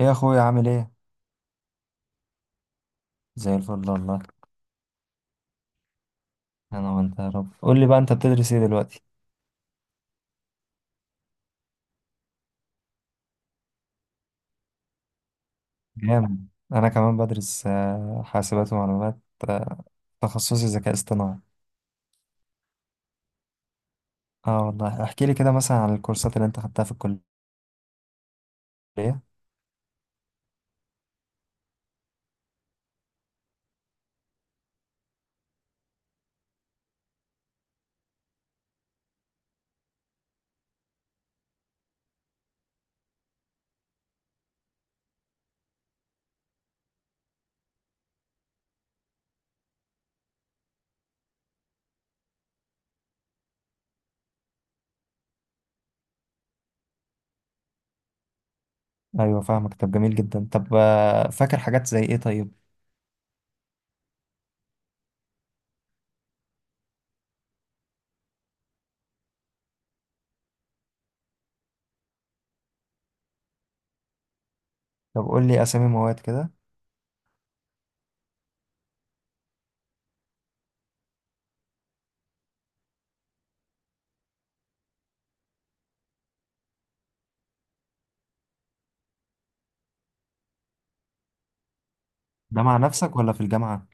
ايه يا اخويا عامل ايه؟ زي الفل والله. انا وانت يا رب، قول لي بقى انت بتدرس ايه دلوقتي؟ جامد، انا كمان بدرس حاسبات ومعلومات. آه، تخصصي ذكاء اصطناعي. اه والله احكي لي كده مثلا عن الكورسات اللي انت خدتها في الكلية. ايوه فاهمك. طب جميل جدا. طب فاكر حاجات زي ايه طيب؟ طب قول لي اسامي مواد كده. ده مع نفسك ولا في الجامعة؟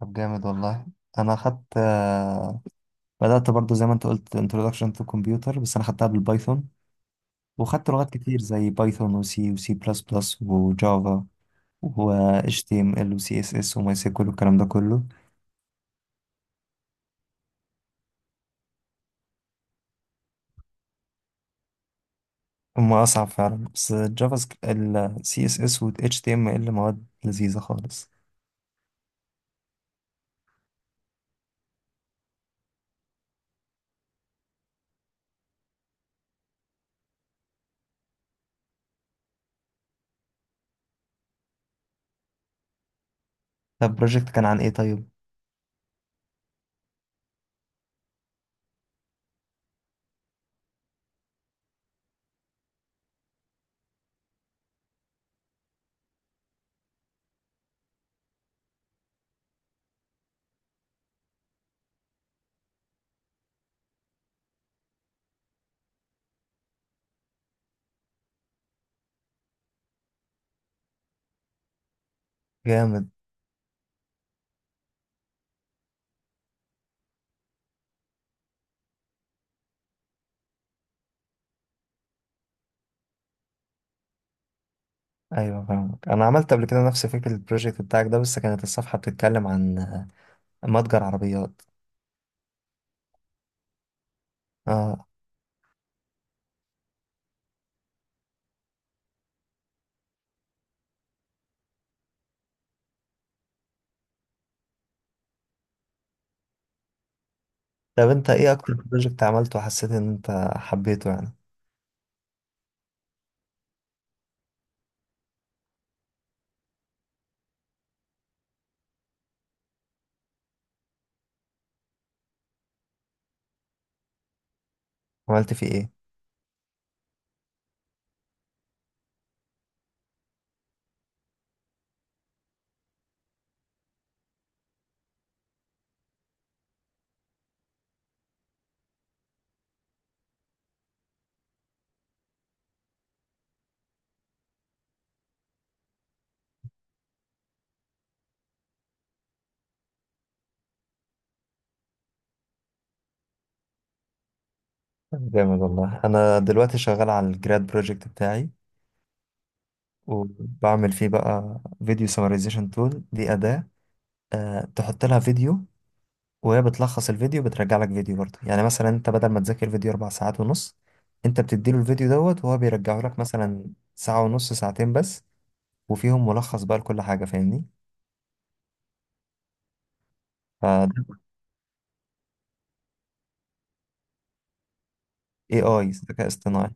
طب جامد والله. انا خدت بدأت برضو زي ما انت قلت introduction to computer، بس انا خدتها بالبايثون. وخدت لغات كتير زي بايثون وسي وسي بلس بلس وجافا و HTML و CSS و MySQL والكلام ده كله. هما أصعب فعلا، بس الجافا سكريبت ال CSS و HTML مواد لذيذة خالص. طب البروجكت كان عن إيه طيب؟ جامد. أيوة فاهمك. أنا عملت قبل كده نفس فكرة البروجكت بتاعك ده، بس كانت الصفحة بتتكلم عن متجر عربيات. آه. طب أنت إيه أكتر بروجكت عملته وحسيت إن أنت حبيته يعني؟ عملت فيه إيه؟ جامد والله. انا دلوقتي شغال على الجراد بروجكت بتاعي، وبعمل فيه بقى فيديو سمرايزيشن تول. دي أداة، أه، تحط لها فيديو وهي بتلخص الفيديو، بترجع لك فيديو برضه. يعني مثلا انت بدل ما تذاكر فيديو اربع ساعات ونص، انت بتديله الفيديو دوت وهو بيرجعه لك مثلا ساعة ونص، ساعتين بس، وفيهم ملخص بقى لكل حاجة. فاهمني؟ فده اي اي ذكاء اصطناعي.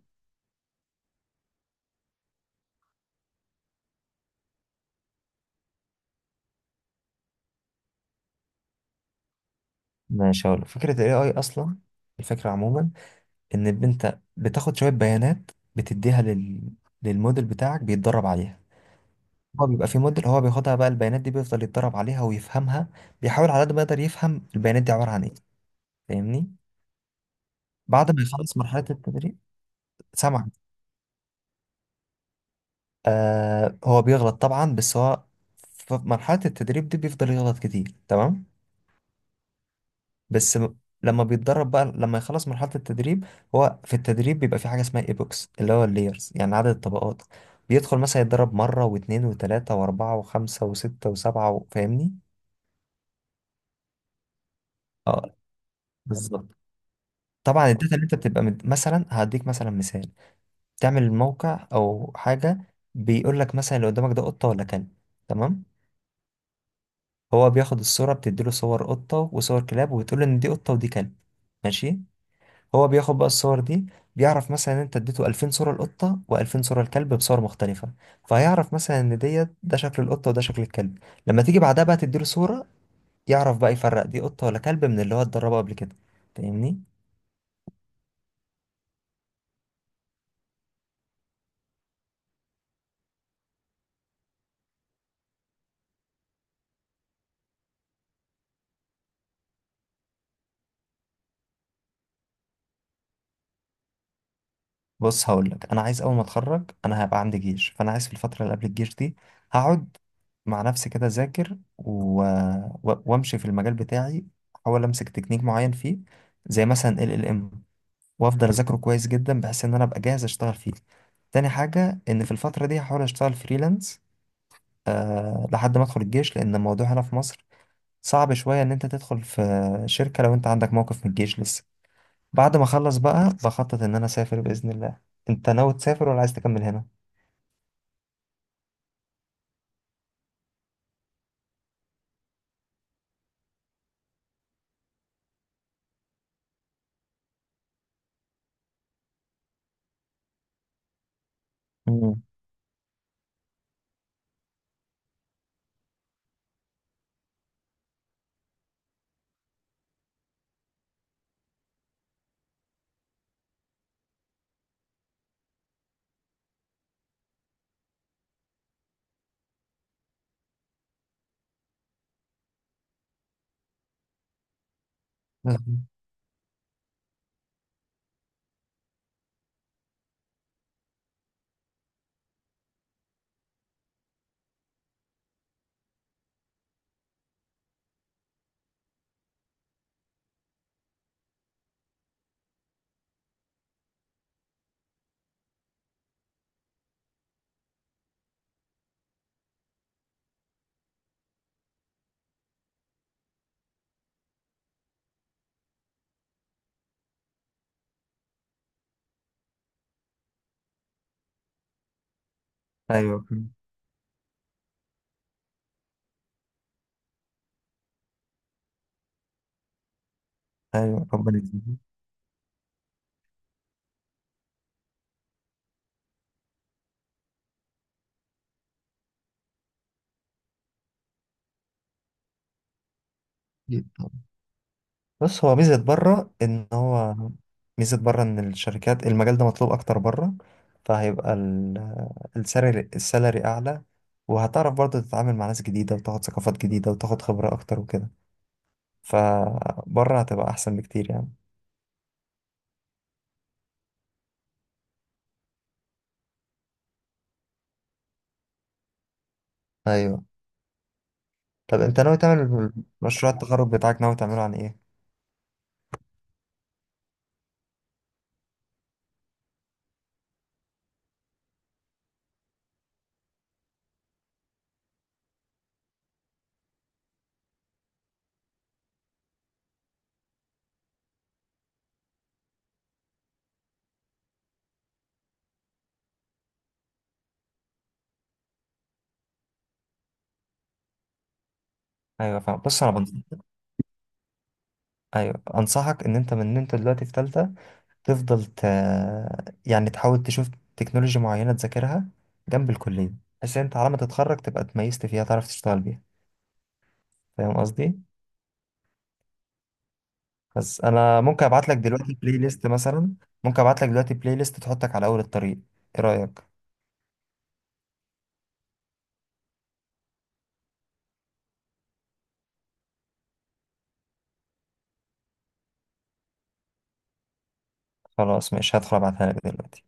ماشي، هقول فكرة الاي اي اصلا. الفكرة عموما ان انت بتاخد شوية بيانات بتديها للموديل بتاعك بيتدرب عليها. هو بيبقى في موديل، هو بياخدها بقى البيانات دي، بيفضل يتدرب عليها ويفهمها. بيحاول على قد ما يقدر يفهم البيانات دي عبارة عن ايه. فاهمني؟ بعد ما يخلص مرحلة التدريب. سمع. هو بيغلط طبعا، بس هو في مرحلة التدريب دي بيفضل يغلط كتير. تمام. بس لما بيتدرب بقى، لما يخلص مرحلة التدريب، هو في التدريب بيبقى في حاجة اسمها ايبوكس، اللي هو اللايرز يعني عدد الطبقات. بيدخل مثلا يتدرب مرة واثنين وثلاثة وأربعة وخمسة وستة وسبعة فاهمني؟ اه، بالظبط. طبعا الداتا اللي انت بتبقى مثلا هديك مثلا مثال، تعمل موقع او حاجه بيقول لك مثلا اللي قدامك ده قطه ولا كلب. تمام. هو بياخد الصوره، بتديله صور قطه وصور كلاب وبتقول له ان دي قطه ودي كلب. ماشي. هو بياخد بقى الصور دي، بيعرف مثلا ان انت اديته 2000 صوره القطه و2000 صوره الكلب بصور مختلفه، فهيعرف مثلا ان ديت ده شكل القطه وده شكل الكلب. لما تيجي بعدها بقى تديله صوره، يعرف بقى يفرق دي قطه ولا كلب من اللي هو اتدربه قبل كده. فاهمني؟ بص هقول لك، انا عايز اول ما اتخرج انا هبقى عندي جيش، فانا عايز في الفتره اللي قبل الجيش دي هقعد مع نفسي كده اذاكر وامشي في المجال بتاعي، احاول امسك تكنيك معين فيه زي مثلا ال ال ام، وافضل اذاكره كويس جدا بحيث ان انا ابقى جاهز اشتغل فيه. تاني حاجه ان في الفتره دي هحاول اشتغل فريلانس، أه، لحد ما ادخل الجيش، لان الموضوع هنا في مصر صعب شويه ان انت تدخل في شركه لو انت عندك موقف من الجيش لسه. بعد ما اخلص بقى بخطط ان انا اسافر باذن الله. انت ناوي تسافر ولا عايز تكمل هنا؟ مم. مم. ايوه. ايوه ربنا يكرمك. جدا. بص هو ميزه بره ان هو، ميزه بره ان الشركات المجال ده مطلوب اكتر بره، فهيبقى السالري، السالري اعلى، وهتعرف برضه تتعامل مع ناس جديده وتاخد ثقافات جديده وتاخد خبره اكتر وكده. فبره هتبقى احسن بكتير يعني. ايوه. طب انت ناوي تعمل مشروع التخرج بتاعك، ناوي تعمله عن ايه؟ ايوه فاهم. بص انا بنصحك، ايوه انصحك، ان انت من ان انت دلوقتي في تالتة تفضل يعني تحاول تشوف تكنولوجيا معينة تذاكرها جنب الكلية، بحيث ان انت على ما تتخرج تبقى اتميزت فيها، تعرف تشتغل بيها. فاهم قصدي؟ بس انا ممكن ابعت لك دلوقتي بلاي ليست مثلا، ممكن ابعت لك دلوقتي بلاي ليست تحطك على اول الطريق. ايه رأيك؟ خلاص ماشي، هدخل ابعتها لك دلوقتي.